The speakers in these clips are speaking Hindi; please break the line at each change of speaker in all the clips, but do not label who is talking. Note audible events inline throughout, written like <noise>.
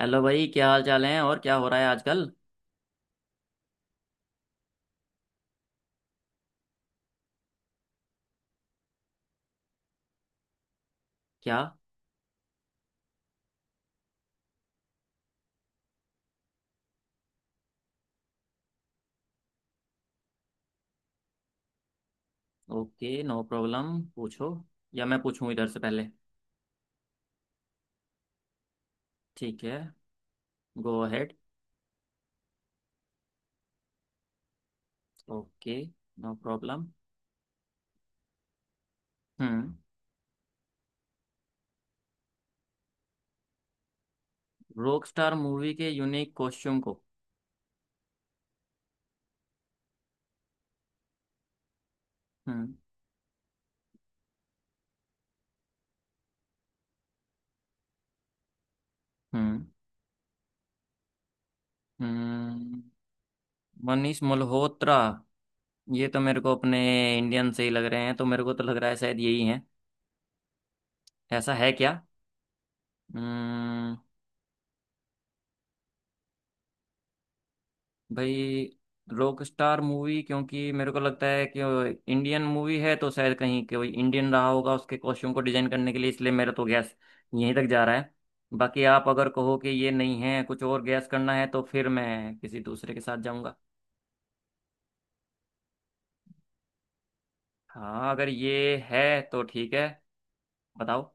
हेलो भाई, क्या हाल चाल है और क्या हो रहा है आजकल। क्या। ओके, नो प्रॉब्लम, पूछो। या मैं पूछूं इधर से पहले। ठीक है। Go ahead. Okay. No problem. Hmm. Rockstar movie के यूनिक कॉस्ट्यूम को। हम्म। हम्म। हम्म। मनीष मल्होत्रा, ये तो मेरे को अपने इंडियन से ही लग रहे हैं तो मेरे को तो लग रहा है शायद यही है। ऐसा है क्या। हम्म। भाई, रॉकस्टार मूवी, क्योंकि मेरे को लगता है कि इंडियन मूवी है तो शायद कहीं कोई इंडियन रहा होगा उसके कॉस्ट्यूम को डिजाइन करने के लिए, इसलिए मेरा तो गैस यहीं तक जा रहा है। बाकी आप अगर कहो कि ये नहीं है, कुछ और गैस करना है तो फिर मैं किसी दूसरे के साथ जाऊंगा। हाँ अगर ये है तो ठीक है। बताओ।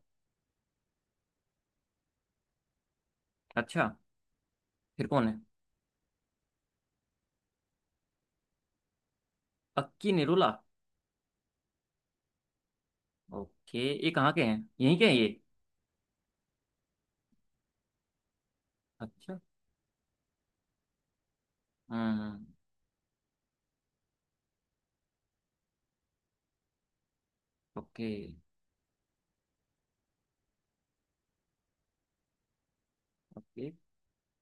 अच्छा, फिर कौन है। अक्की निरुला। ओके। ये कहाँ के हैं, यहीं के हैं ये। अच्छा। हम्म। ओके। ओके,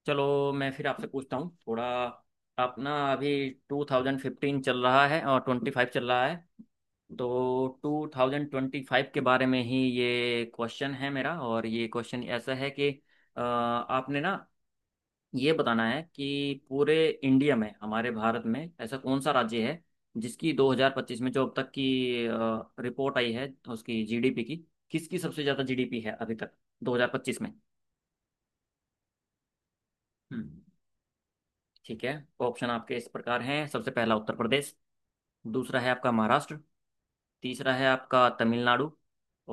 चलो मैं फिर आपसे पूछता हूँ थोड़ा। आप ना अभी 2015 चल रहा है और 25 चल रहा है। तो 2025 के बारे में ही ये क्वेश्चन है मेरा, और ये क्वेश्चन ऐसा है कि आपने ना ये बताना है कि पूरे इंडिया में, हमारे भारत में ऐसा कौन सा राज्य है जिसकी 2025 में जो अब तक की रिपोर्ट आई है उसकी जीडीपी की, किसकी सबसे ज़्यादा जीडीपी है अभी तक 2025 में। हम्म। ठीक है। ऑप्शन आपके इस प्रकार हैं। सबसे पहला, उत्तर प्रदेश। दूसरा है आपका महाराष्ट्र। तीसरा है आपका तमिलनाडु।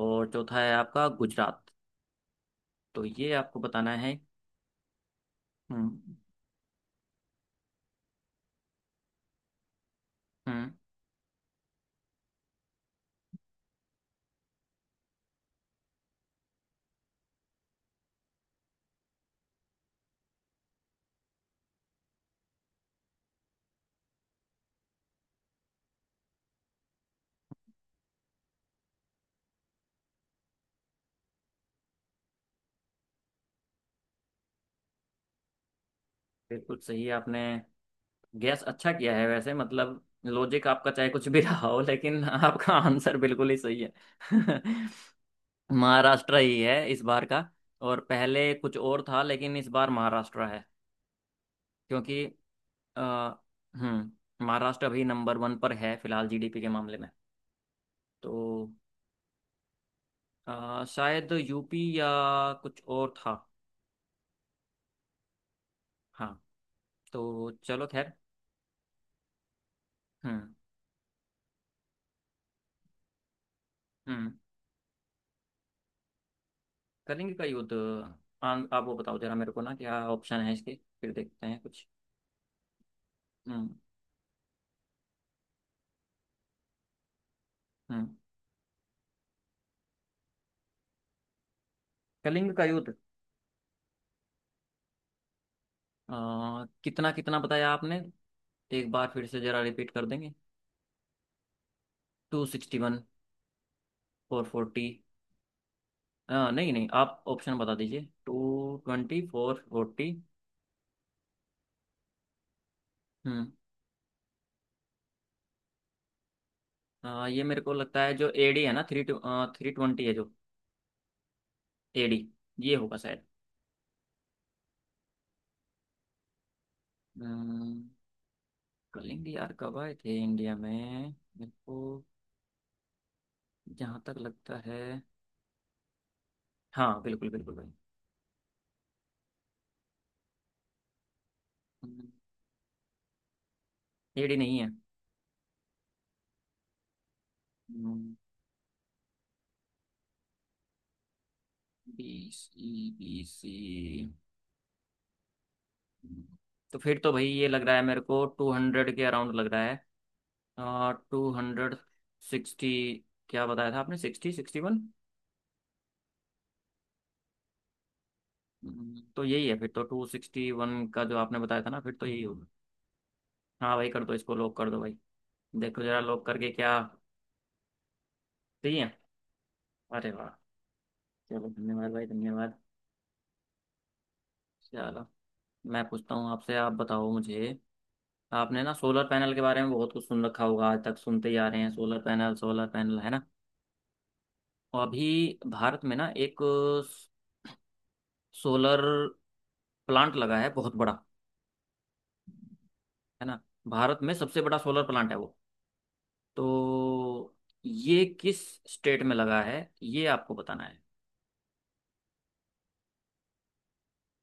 और चौथा है आपका गुजरात। तो ये आपको बताना है। हम्म। हम्म। बिल्कुल सही आपने गैस अच्छा किया है, वैसे मतलब लॉजिक आपका चाहे कुछ भी <laughs> रहा हो लेकिन आपका आंसर बिल्कुल ही सही है। <laughs> महाराष्ट्र ही है इस बार का। और पहले कुछ और था लेकिन इस बार महाराष्ट्र है, क्योंकि अ, महाराष्ट्र अभी नंबर 1 पर है फिलहाल जीडीपी के मामले में। तो शायद यूपी या कुछ और था। हाँ। तो चलो खैर। हम्म। हम्म। करेंगे का युद्ध। आप वो बताओ जरा मेरे को ना, क्या ऑप्शन है इसके। फिर देखते हैं कुछ। हम्म। हम्म। कलिंग का युद्ध। अ, कितना कितना बताया आपने? एक बार फिर से जरा रिपीट कर देंगे। 261, 440। नहीं नहीं, आप ऑप्शन बता दीजिए। 220, 440। ये मेरे को लगता है जो एडी है ना, 320 है जो एडी, ये होगा शायद। अम्म, कलिंग यार कब आए थे इंडिया में? मेरे को जहाँ तक लगता है। हाँ बिल्कुल बिल्कुल भाई। एडी नहीं है। B C, B C. तो फिर तो भाई ये लग रहा है मेरे को, 200 के अराउंड लग रहा है। 260, क्या बताया था आपने, सिक्सटी, 61। तो यही है। फिर तो 261 का जो आपने बताया था ना, फिर तो यही होगा। हाँ भाई, कर दो इसको, लॉक कर दो भाई। देखो जरा लॉक करके क्या। सही है। अरे वाह। चलो धन्यवाद भाई, धन्यवाद। चलो, मैं पूछता हूँ आपसे, आप बताओ मुझे। आपने ना सोलर पैनल के बारे में बहुत कुछ सुन रखा होगा, आज तक सुनते ही आ रहे हैं सोलर पैनल, सोलर पैनल, है ना। और अभी भारत में ना एक सोलर प्लांट लगा है बहुत बड़ा। है ना। भारत में सबसे बड़ा सोलर प्लांट है वो। तो ये किस स्टेट में लगा है, ये आपको बताना है।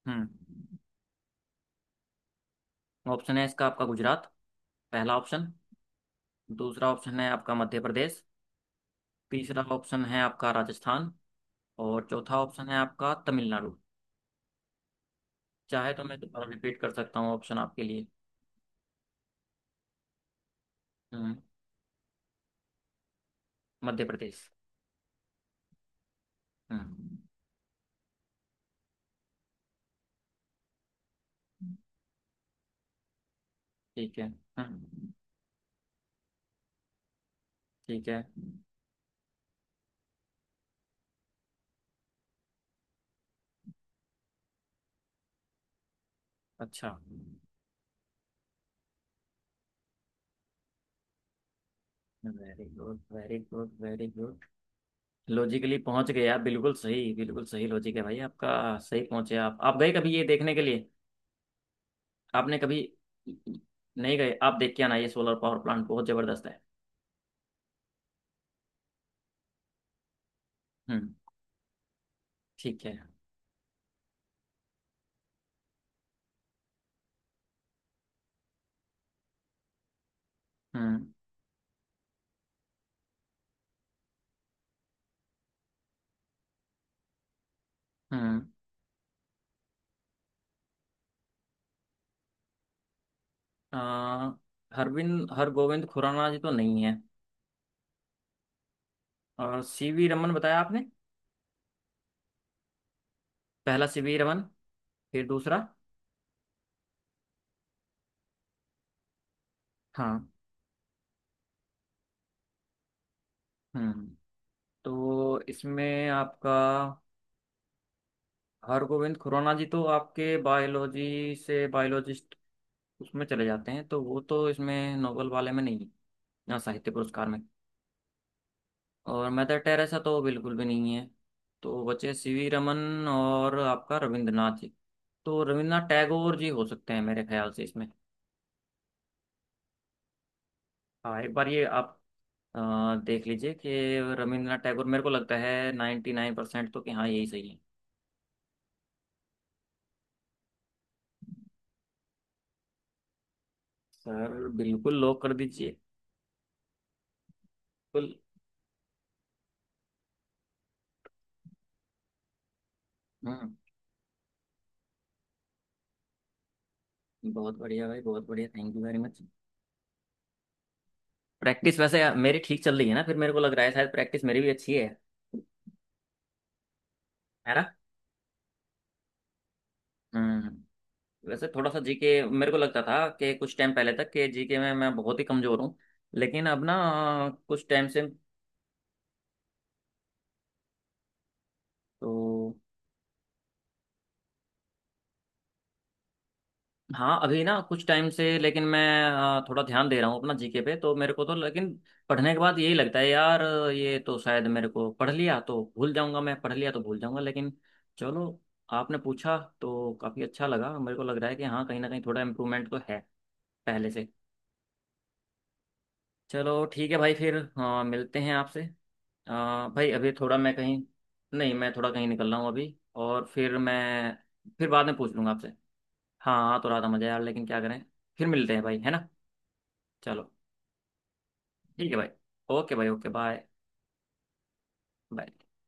हम्म। ऑप्शन है इसका। आपका गुजरात, पहला ऑप्शन। दूसरा ऑप्शन है आपका मध्य प्रदेश। तीसरा ऑप्शन है आपका राजस्थान। और चौथा ऑप्शन है आपका तमिलनाडु। चाहे तो मैं दोबारा रिपीट कर सकता हूँ ऑप्शन आपके लिए। हम्म, मध्य प्रदेश। हम्म, ठीक है। हम्म, ठीक है। अच्छा। Very good, very good, very good. Logically पहुंच गए आप, बिल्कुल सही, बिल्कुल सही लॉजिक है भाई आपका। सही पहुंचे आप गए कभी ये देखने के लिए। आपने कभी नहीं गए आप, देख के आना, ये सोलर पावर प्लांट बहुत जबरदस्त है। हम्म। ठीक है। हम्म। हम्म। आ, हरविंद हरगोविंद खुराना जी तो नहीं है। और सी वी रमन बताया आपने। पहला सी वी रमन, फिर दूसरा। हाँ। हम्म। तो इसमें आपका हरगोविंद खुराना जी तो आपके बायोलॉजी से, बायोलॉजिस्ट उसमें चले जाते हैं तो वो तो इसमें नोबेल वाले में नहीं है, ना साहित्य पुरस्कार में। और मदर टेरेसा तो बिल्कुल भी नहीं है। तो बचे सी वी रमन और आपका रविंद्रनाथ जी। तो रविंद्रनाथ टैगोर जी हो सकते हैं मेरे ख्याल से इसमें। हाँ, एक बार ये आप अ, देख लीजिए कि रविंद्रनाथ टैगोर, मेरे को लगता है 99% तो कि हाँ यही सही है। सर, बिल्कुल लॉक कर दीजिए। बिल्कुल। हम्म। बहुत बढ़िया भाई, बहुत बढ़िया, thank you very much. Practice वैसे मेरी ठीक चल रही है ना? फिर मेरे को लग रहा है शायद प्रैक्टिस मेरी भी अच्छी है। है ना। हम्म। वैसे थोड़ा सा जीके, मेरे को लगता था कि कुछ टाइम पहले तक कि जीके में मैं बहुत ही कमजोर हूँ। लेकिन अब ना कुछ टाइम से, तो हाँ अभी ना कुछ टाइम से, लेकिन मैं थोड़ा ध्यान दे रहा हूँ अपना जीके पे। तो मेरे को तो, लेकिन पढ़ने के बाद यही लगता है यार, ये तो शायद मेरे को, पढ़ लिया तो भूल जाऊंगा, मैं पढ़ लिया तो भूल जाऊंगा, लेकिन चलो आपने पूछा तो काफ़ी अच्छा लगा। मेरे को लग रहा है कि हाँ कहीं ना कहीं थोड़ा इम्प्रूवमेंट तो है पहले से। चलो ठीक है भाई, फिर मिलते हैं आपसे। अ, भाई अभी थोड़ा मैं कहीं। नहीं मैं थोड़ा कहीं निकल रहा हूँ अभी, और फिर मैं फिर बाद में पूछ लूंगा आपसे। हाँ हाँ तो रात मजा यार, लेकिन क्या करें। फिर मिलते हैं भाई, है ना। चलो ठीक है भाई। ओके भाई, ओके बाय। बाय।